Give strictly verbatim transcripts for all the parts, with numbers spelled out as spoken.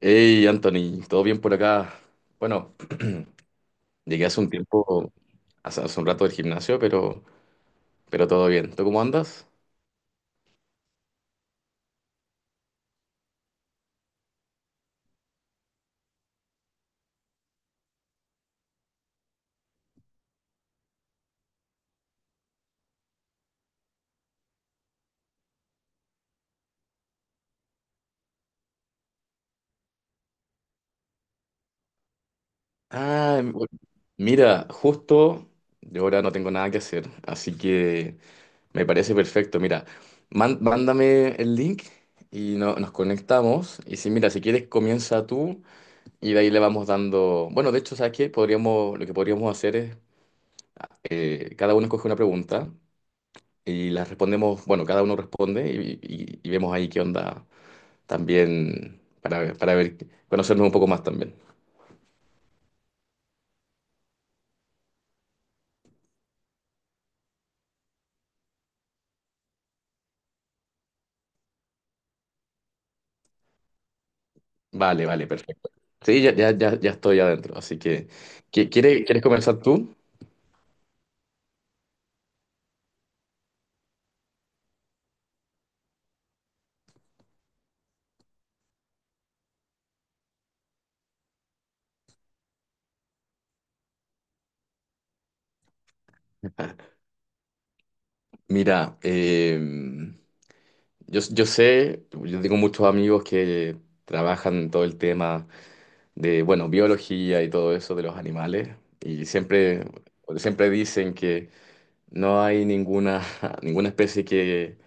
Hey Anthony, ¿todo bien por acá? Bueno, llegué hace un tiempo, hace, hace un rato del gimnasio, pero, pero todo bien. ¿Tú cómo andas? Ah, bu- mira, justo yo ahora no tengo nada que hacer, así que me parece perfecto. Mira, man- mándame el link y no- nos conectamos. Y si, mira, si quieres comienza tú y de ahí le vamos dando. Bueno, de hecho, ¿sabes qué? Podríamos, lo que podríamos hacer es, eh, cada uno escoge una pregunta y las respondemos, bueno, cada uno responde y, y- y vemos ahí qué onda también para, ver- para ver, conocernos un poco más también. Vale, vale, perfecto. Sí, ya, ya, ya, ya estoy adentro, así que, ¿qui- ¿quiere- ¿quieres comenzar tú? Mira, eh, yo, yo sé, yo tengo muchos amigos que trabajan todo el tema de, bueno, biología y todo eso de los animales, y siempre, siempre dicen que no hay ninguna, ninguna especie que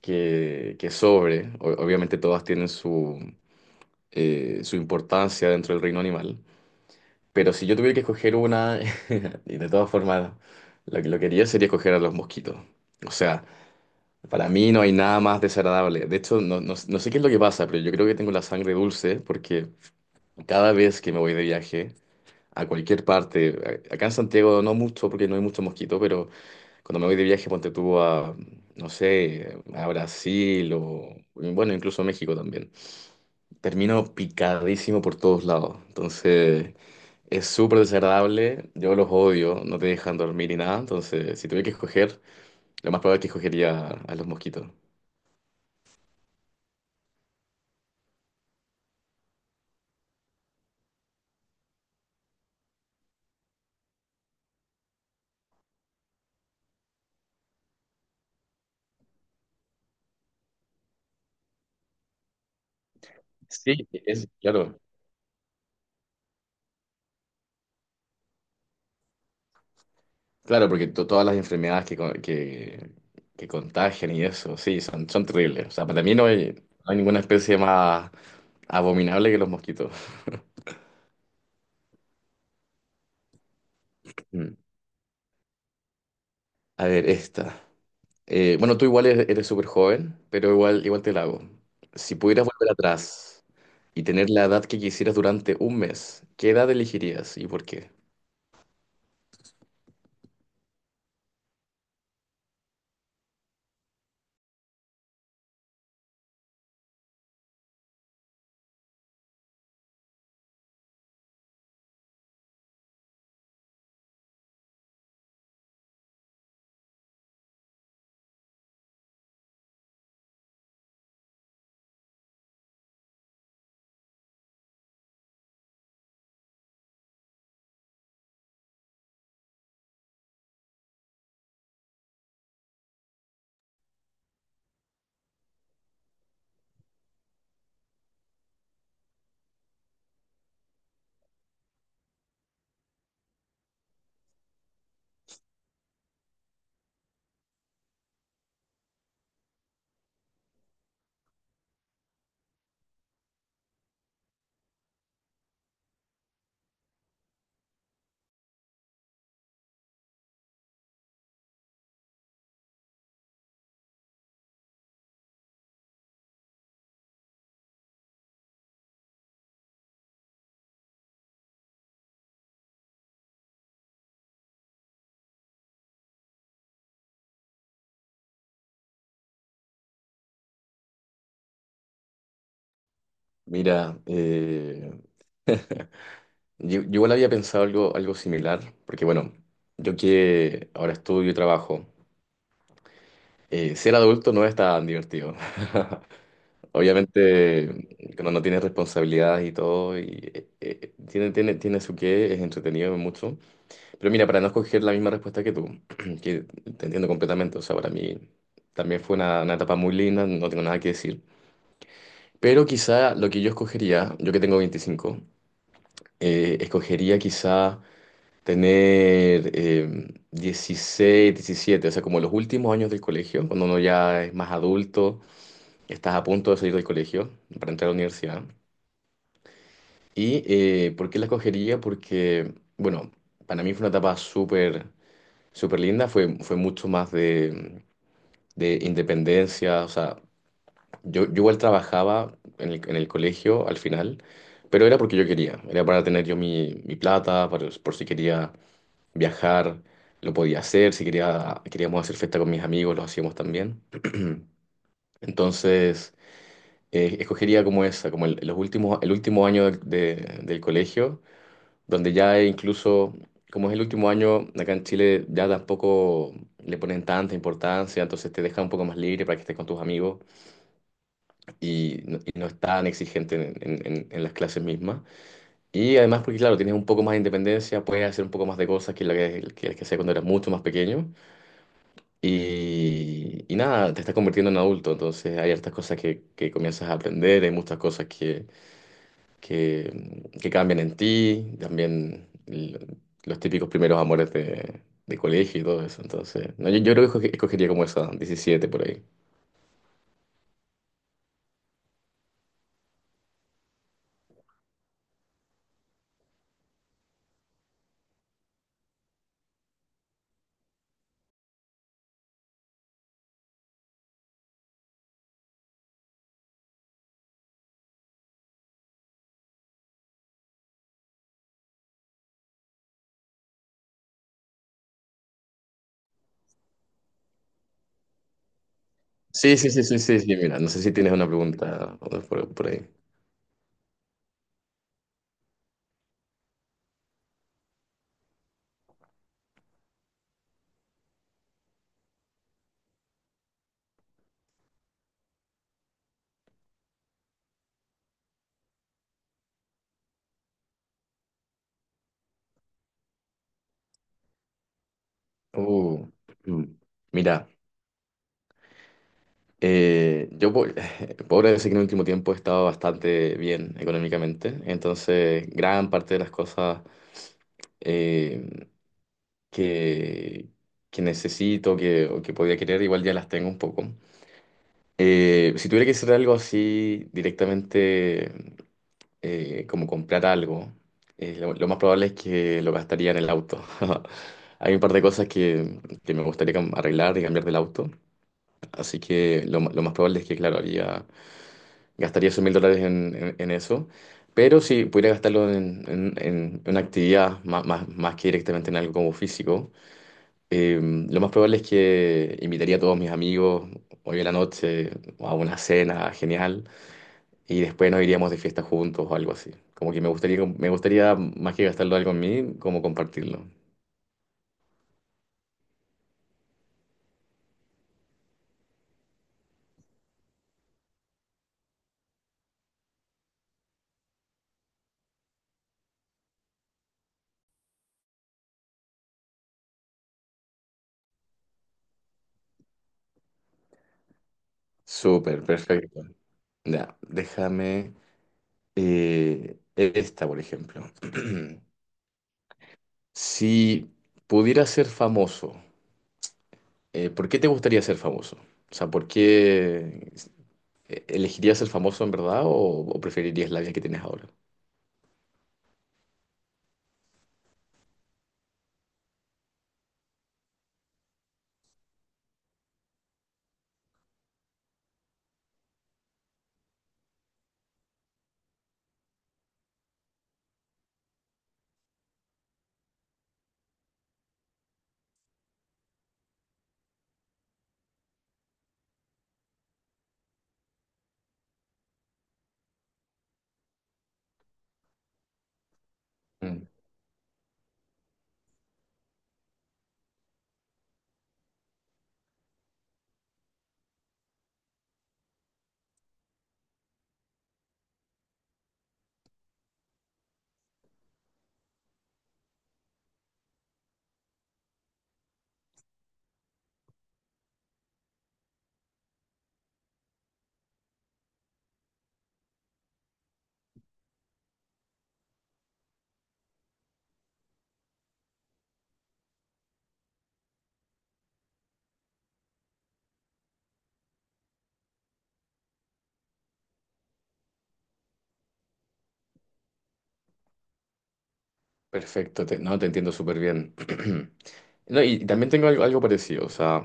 que, que sobre. O- obviamente todas tienen su, eh, su importancia dentro del reino animal, pero si yo tuviera que escoger una, y de todas formas lo que lo quería sería escoger a los mosquitos. O sea, para mí no hay nada más desagradable. De hecho, no, no, no sé qué es lo que pasa, pero yo creo que tengo la sangre dulce porque cada vez que me voy de viaje a cualquier parte, a- acá en Santiago no mucho porque no hay mucho mosquito, pero... Cuando me voy de viaje, ponte tú a, no sé, a Brasil o, bueno, incluso a México también. Termino picadísimo por todos lados. Entonces, es súper desagradable. Yo los odio, no te dejan dormir ni nada. Entonces, si tuviera que escoger, lo más probable es que escogería a los mosquitos. Sí, es, claro, claro, porque to- todas las enfermedades que, con- que, que contagian y eso, sí, son, son terribles. O sea, para mí no hay, no hay ninguna especie más abominable que los mosquitos. Mm. A ver, esta. Eh, bueno, tú igual eres eres súper joven, pero igual, igual te la hago. Si pudieras volver atrás y tener la edad que quisieras durante un mes, ¿qué edad elegirías y por qué? Mira, eh, yo, yo igual había pensado algo, algo similar, porque bueno, yo que ahora estudio y trabajo, eh, ser adulto no es tan divertido. Obviamente, cuando no tienes responsabilidades y todo, y, eh, eh, tiene, tiene, tiene su qué, es entretenido mucho. Pero mira, para no escoger la misma respuesta que tú, que te entiendo completamente, o sea, para mí también fue una, una etapa muy linda, no tengo nada que decir. Pero quizá lo que yo escogería, yo que tengo veinticinco, eh, escogería quizá tener eh, dieciséis, diecisiete, o sea, como los últimos años del colegio, cuando uno ya es más adulto, estás a punto de salir del colegio para entrar a la universidad. ¿Y eh, por qué la escogería? Porque, bueno, para mí fue una etapa súper súper linda, fue, fue mucho más de, de independencia, o sea, yo, yo igual trabajaba en el, en el colegio al final, pero era porque yo quería, era para tener yo mi, mi plata, para- por si quería viajar, lo podía hacer, si quería, queríamos hacer fiesta con mis amigos, lo hacíamos también. Entonces, eh, escogería como esa, como el, los últimos, el último año del de- del colegio, donde ya incluso, como es el último año, acá en Chile ya tampoco le ponen tanta importancia, entonces te deja un poco más libre para que estés con tus amigos y no, y no es tan exigente en, en- en- en las clases mismas. Y además porque, claro, tienes un poco más de independencia, puedes hacer un poco más de cosas que lo que, que, que hacías cuando eras mucho más pequeño. Y, y nada, te estás convirtiendo en adulto, entonces hay hartas cosas que, que comienzas a aprender, hay muchas cosas que que, que cambian en ti, también l- los típicos primeros amores de, de colegio y todo eso. Entonces, no, yo, yo creo que escoge- escogería como esa, diecisiete por ahí. Sí, sí, sí, sí, sí, sí, mira, no sé si tienes una pregunta por, por ahí. Uh, mm, mira, eh, yo po- podría decir que en el último tiempo he estado bastante bien económicamente, entonces gran parte de las cosas eh, que, que necesito que, o que podía querer igual ya las tengo un poco. Eh, si tuviera que hacer algo así directamente, eh, como comprar algo, eh, lo, lo más probable es que lo gastaría en el auto. Hay un par de cosas que, que me gustaría cam- arreglar y cambiar del auto, así que lo, ma- lo más probable es que, claro, haría, gastaría esos mil dólares en, en- en eso, pero si pudiera gastarlo en, en- en una actividad más, más, más que directamente en algo como físico, eh, lo más probable es que invitaría a todos mis amigos hoy en la noche a una cena genial y después nos iríamos de fiesta juntos o algo así. Como que me gustaría, me gustaría más que gastarlo algo en mí, como compartirlo. Súper, perfecto. Ya, déjame eh, esta, por ejemplo. Si pudieras ser famoso, eh, ¿por qué te gustaría ser famoso? O sea, ¿por qué elegirías ser famoso en verdad o, o preferirías la vida que tienes ahora? Mm. Perfecto, te- no, te entiendo súper bien. No, y, y también tengo algo, algo parecido, o sea,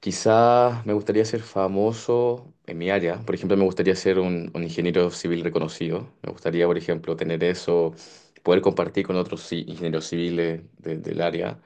quizás me gustaría ser famoso en mi área. Por ejemplo, me gustaría ser un, un ingeniero civil reconocido. Me gustaría, por ejemplo, tener eso, poder compartir con otros ci- ingenieros civiles de- del área.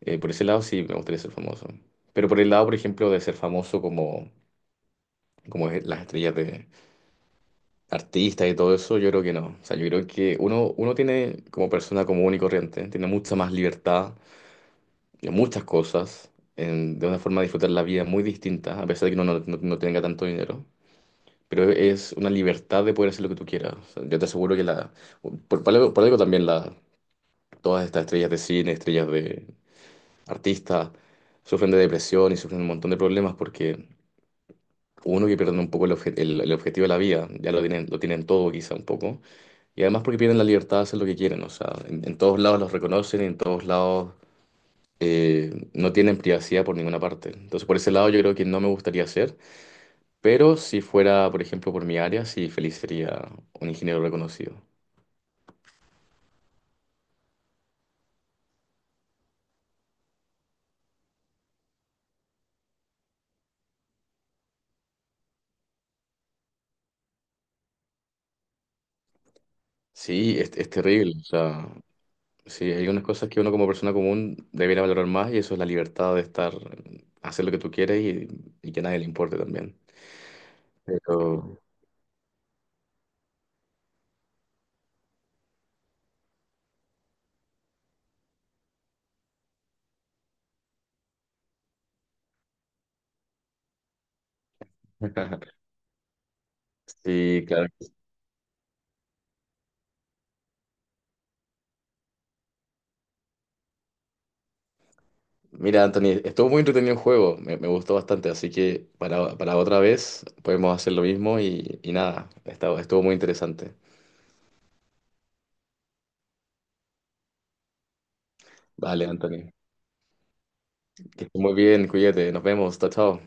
Eh, por ese lado sí me gustaría ser famoso. Pero por el lado, por ejemplo, de ser famoso como, como es las estrellas de artistas y todo eso, yo creo que no. O sea, yo creo que uno, uno tiene como persona común y corriente, tiene mucha más libertad de muchas cosas, en- de una forma de disfrutar la vida muy distinta, a pesar de que uno no, no- no tenga tanto dinero. Pero es una libertad de poder hacer lo que tú quieras. O sea, yo te aseguro que la, por, por algo por algo también la, todas estas estrellas de cine, estrellas de artistas, sufren de depresión y sufren un montón de problemas porque uno que pierde un poco el, obje- el- el objetivo de la vida, ya lo tienen, lo tienen todo quizá un poco, y además porque pierden la libertad de hacer lo que quieren. O sea, en en todos lados los reconocen, en todos lados eh, no tienen privacidad por ninguna parte. Entonces, por ese lado, yo creo que no me gustaría hacer, pero si fuera, por ejemplo, por mi área, sí, feliz sería un ingeniero reconocido. Sí, es, es terrible. O sea, sí, hay unas cosas que uno como persona común debería valorar más y eso es la libertad de estar, hacer lo que tú quieres y, y que a nadie le importe también. Pero sí, claro. Mira, Anthony, estuvo muy entretenido el juego, me, me gustó bastante, así que para, para otra vez podemos hacer lo mismo y, y nada, estuvo, estuvo muy interesante. Vale, Anthony, que estés muy bien, cuídate, nos vemos, chao, chao.